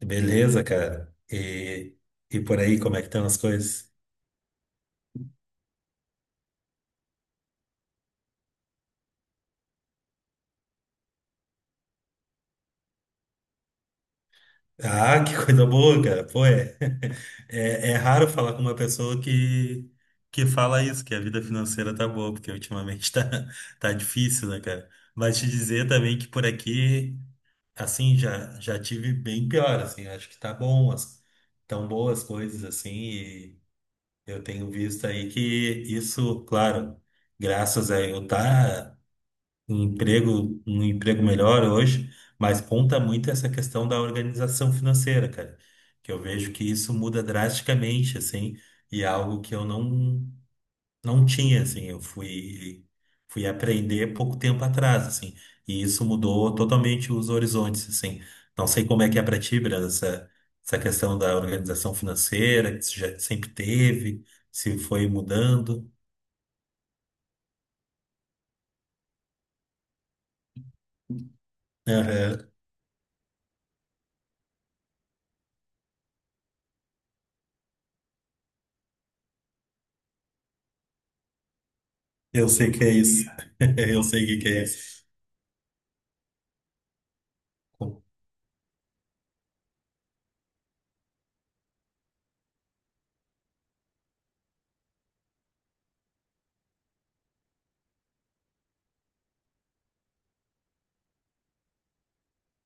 Beleza, cara. E por aí, como é que estão as coisas? Ah, que coisa boa, cara. Pô, é raro falar com uma pessoa que fala isso, que a vida financeira tá boa, porque ultimamente tá difícil, né, cara? Mas te dizer também que por aqui, assim, já tive bem pior, assim. Acho que tá bom, tão boas coisas, assim, e eu tenho visto aí que isso, claro, graças a eu tá. Um emprego, um emprego melhor hoje, mas conta muito essa questão da organização financeira, cara, que eu vejo que isso muda drasticamente, assim, e é algo que eu não tinha, assim, eu fui aprender pouco tempo atrás, assim, e isso mudou totalmente os horizontes, assim. Não sei como é que é pra ti, Brenda, essa questão da organização financeira, que você já sempre teve, se foi mudando. Aham. Eu sei que é isso. Eu sei o que que é isso.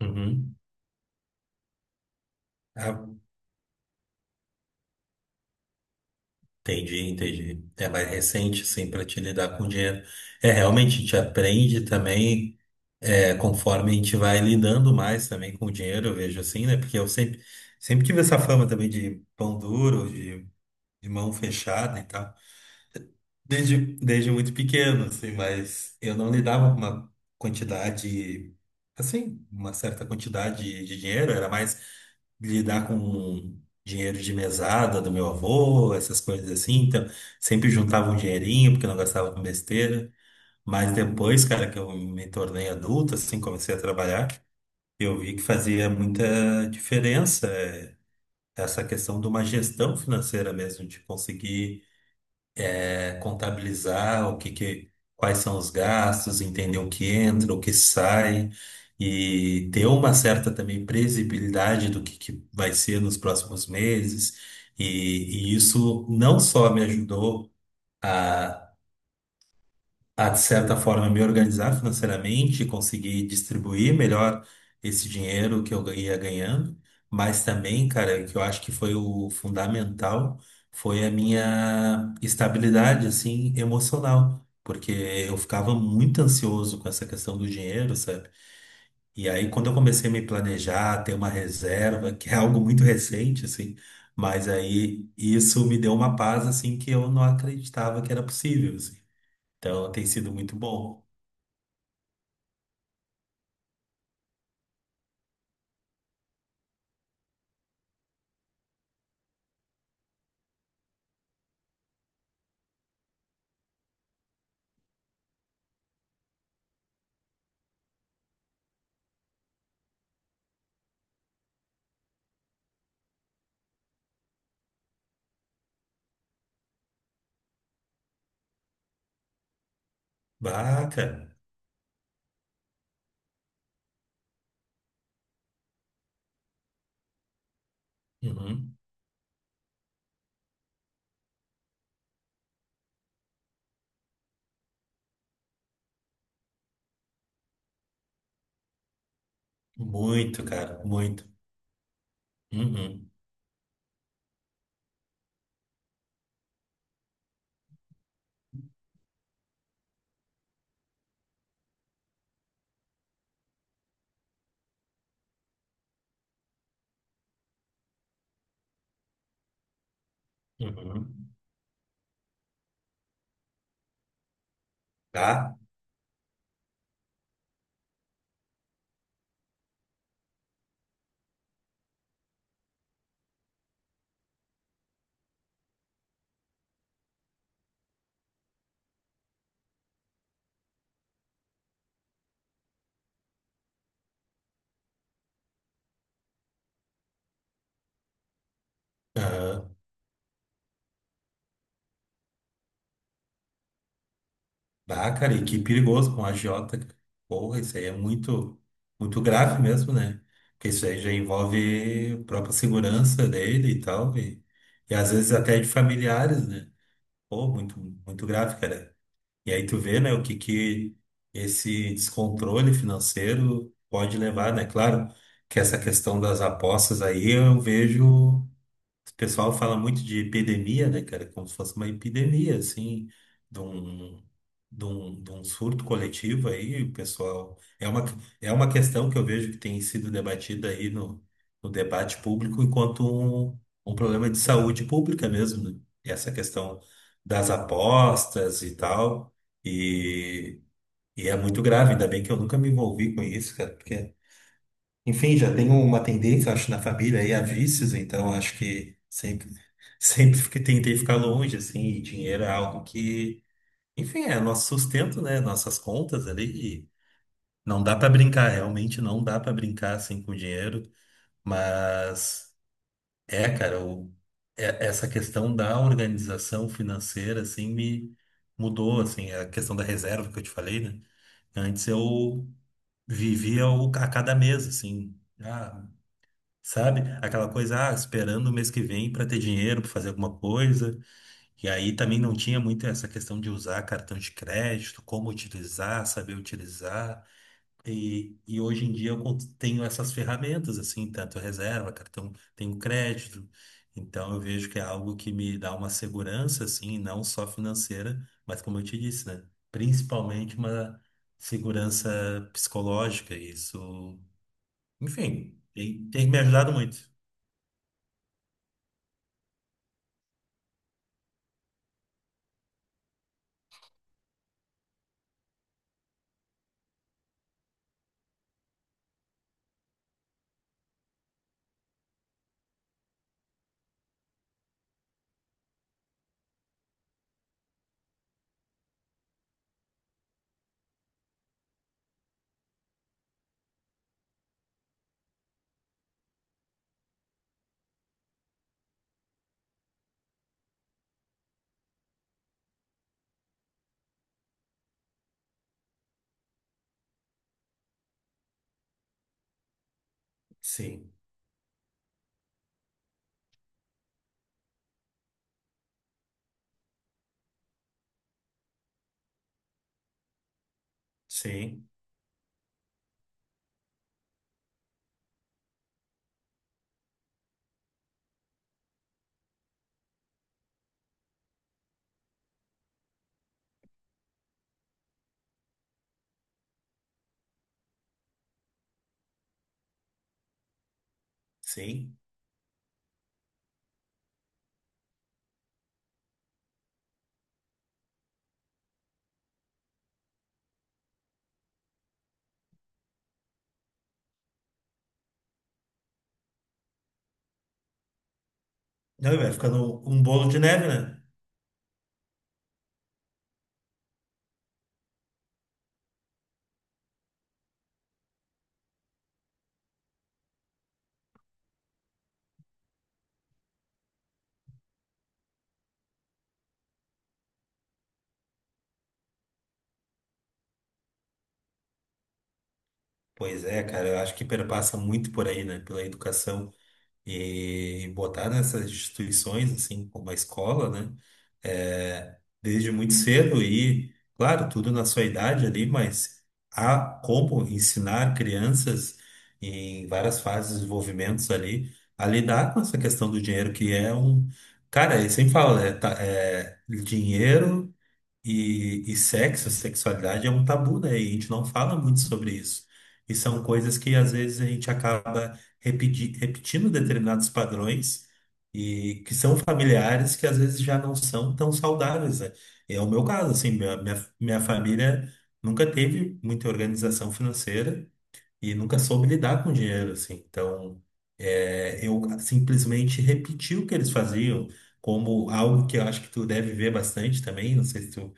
Uhum. Ah, entendi, entendi. É mais recente, sim, para te lidar com dinheiro. É, realmente, a gente aprende também, é, conforme a gente vai lidando mais também com o dinheiro, eu vejo assim, né? Porque eu sempre, sempre tive essa fama também de pão duro, de mão fechada e tal, desde, desde muito pequeno, assim, mas eu não lidava com uma quantidade, assim, uma certa quantidade de dinheiro, era mais. Lidar com dinheiro de mesada do meu avô, essas coisas assim. Então, sempre juntava um dinheirinho porque eu não gastava com besteira. Mas depois, cara, que eu me tornei adulto, assim, comecei a trabalhar, eu vi que fazia muita diferença essa questão de uma gestão financeira mesmo, de conseguir contabilizar o que, quais são os gastos, entender o que entra, o que sai e ter uma certa também previsibilidade do que vai ser nos próximos meses. E, e isso não só me ajudou a a, de certa forma, me organizar financeiramente, conseguir distribuir melhor esse dinheiro que eu ia ganhando, mas também, cara, que eu acho que foi o fundamental, foi a minha estabilidade, assim, emocional, porque eu ficava muito ansioso com essa questão do dinheiro, sabe? E aí, quando eu comecei a me planejar, ter uma reserva, que é algo muito recente, assim, mas aí isso me deu uma paz, assim, que eu não acreditava que era possível, assim. Então, tem sido muito bom. Ah, cara. Uhum. Muito, cara. Muito. Uhum. Uhum. Tá? Aham. Ah, cara, e que perigoso com a agiota, cara. Porra, isso aí é muito, muito grave mesmo, né? Porque isso aí já envolve a própria segurança dele e tal. E às vezes até de familiares, né? Pô, muito, muito grave, cara. E aí tu vê, né, o que que esse descontrole financeiro pode levar, né? Claro que essa questão das apostas aí eu vejo. O pessoal fala muito de epidemia, né, cara? Como se fosse uma epidemia, assim, de um, de um surto coletivo aí, o pessoal. É uma questão que eu vejo que tem sido debatida aí no debate público enquanto um, um problema de saúde pública mesmo, né? Essa questão das apostas e tal. E, e é muito grave, ainda bem que eu nunca me envolvi com isso, cara, porque enfim, já tenho uma tendência, acho, na família aí a vícios, então acho que sempre, sempre que tentei ficar longe, assim, e dinheiro é algo que, enfim, é nosso sustento, né? Nossas contas ali, e não dá pra brincar, realmente não dá pra brincar assim com dinheiro, mas é, cara, essa questão da organização financeira, assim, me mudou, assim, a questão da reserva que eu te falei, né? Antes eu vivia a cada mês, assim. Ah, sabe? Aquela coisa, ah, esperando o mês que vem para ter dinheiro, para fazer alguma coisa. E aí também não tinha muito essa questão de usar cartão de crédito, como utilizar, saber utilizar. E hoje em dia eu tenho essas ferramentas, assim, tanto reserva, cartão, tenho crédito. Então eu vejo que é algo que me dá uma segurança, assim, não só financeira, mas como eu te disse, né? Principalmente uma segurança psicológica. Isso, enfim, tem me ajudado muito. Sim, sim, sim. Não, e vai ficando um bolo de neve, né? Pois é, cara, eu acho que perpassa muito por aí, né? Pela educação e botar nessas instituições, assim, como a escola, né? É, desde muito cedo e, claro, tudo na sua idade ali, mas há como ensinar crianças em várias fases de desenvolvimentos ali a lidar com essa questão do dinheiro, que é um. Cara, eu sempre falo, né? Tá, é, dinheiro. E sexo, sexualidade é um tabu, né? E a gente não fala muito sobre isso. E são coisas que às vezes a gente acaba repetindo determinados padrões e que são familiares que às vezes já não são tão saudáveis, né? É o meu caso, assim, minha família nunca teve muita organização financeira e nunca soube lidar com dinheiro, assim. Então, é, eu simplesmente repeti o que eles faziam, como algo que eu acho que tu deve ver bastante também. Não sei se tu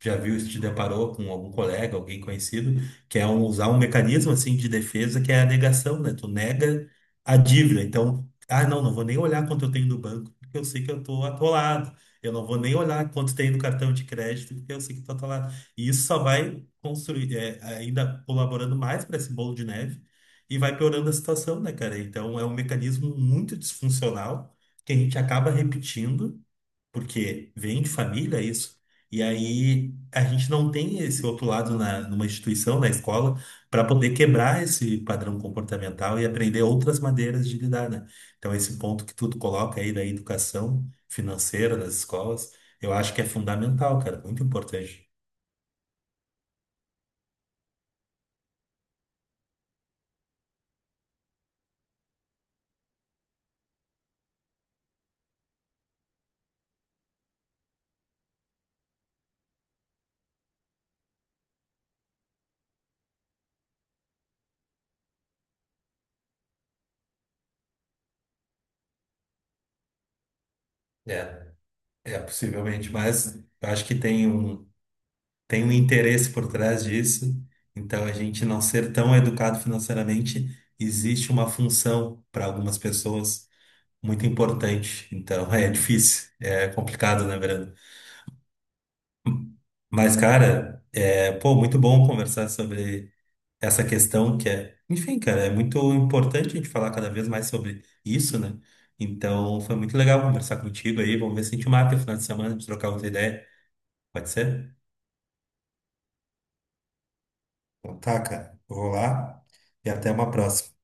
já viu, se te deparou com algum colega, alguém conhecido, que é usar um mecanismo assim de defesa que é a negação, né? Tu nega a dívida. Então, ah, não, não vou nem olhar quanto eu tenho no banco, porque eu sei que eu tô atolado. Eu não vou nem olhar quanto tem no cartão de crédito, porque eu sei que eu tô atolado. E isso só vai construir, é, ainda colaborando mais para esse bolo de neve e vai piorando a situação, né, cara? Então é um mecanismo muito disfuncional que a gente acaba repetindo, porque vem de família isso. E aí a gente não tem esse outro lado numa instituição, na escola, para poder quebrar esse padrão comportamental e aprender outras maneiras de lidar, né? Então esse ponto que tu coloca aí da educação financeira das escolas, eu acho que é fundamental, cara, muito importante. É. É, possivelmente, mas eu acho que tem um interesse por trás disso. Então, a gente não ser tão educado financeiramente, existe uma função para algumas pessoas muito importante. Então, é difícil, é complicado, né, Brando? Mas, cara, é, pô, muito bom conversar sobre essa questão que é, enfim, cara, é muito importante a gente falar cada vez mais sobre isso, né? Então, foi muito legal conversar contigo aí. Vamos ver se a gente marca o final de semana de trocar outra ideia. Pode ser? Então tá, cara. Eu vou lá e até uma próxima.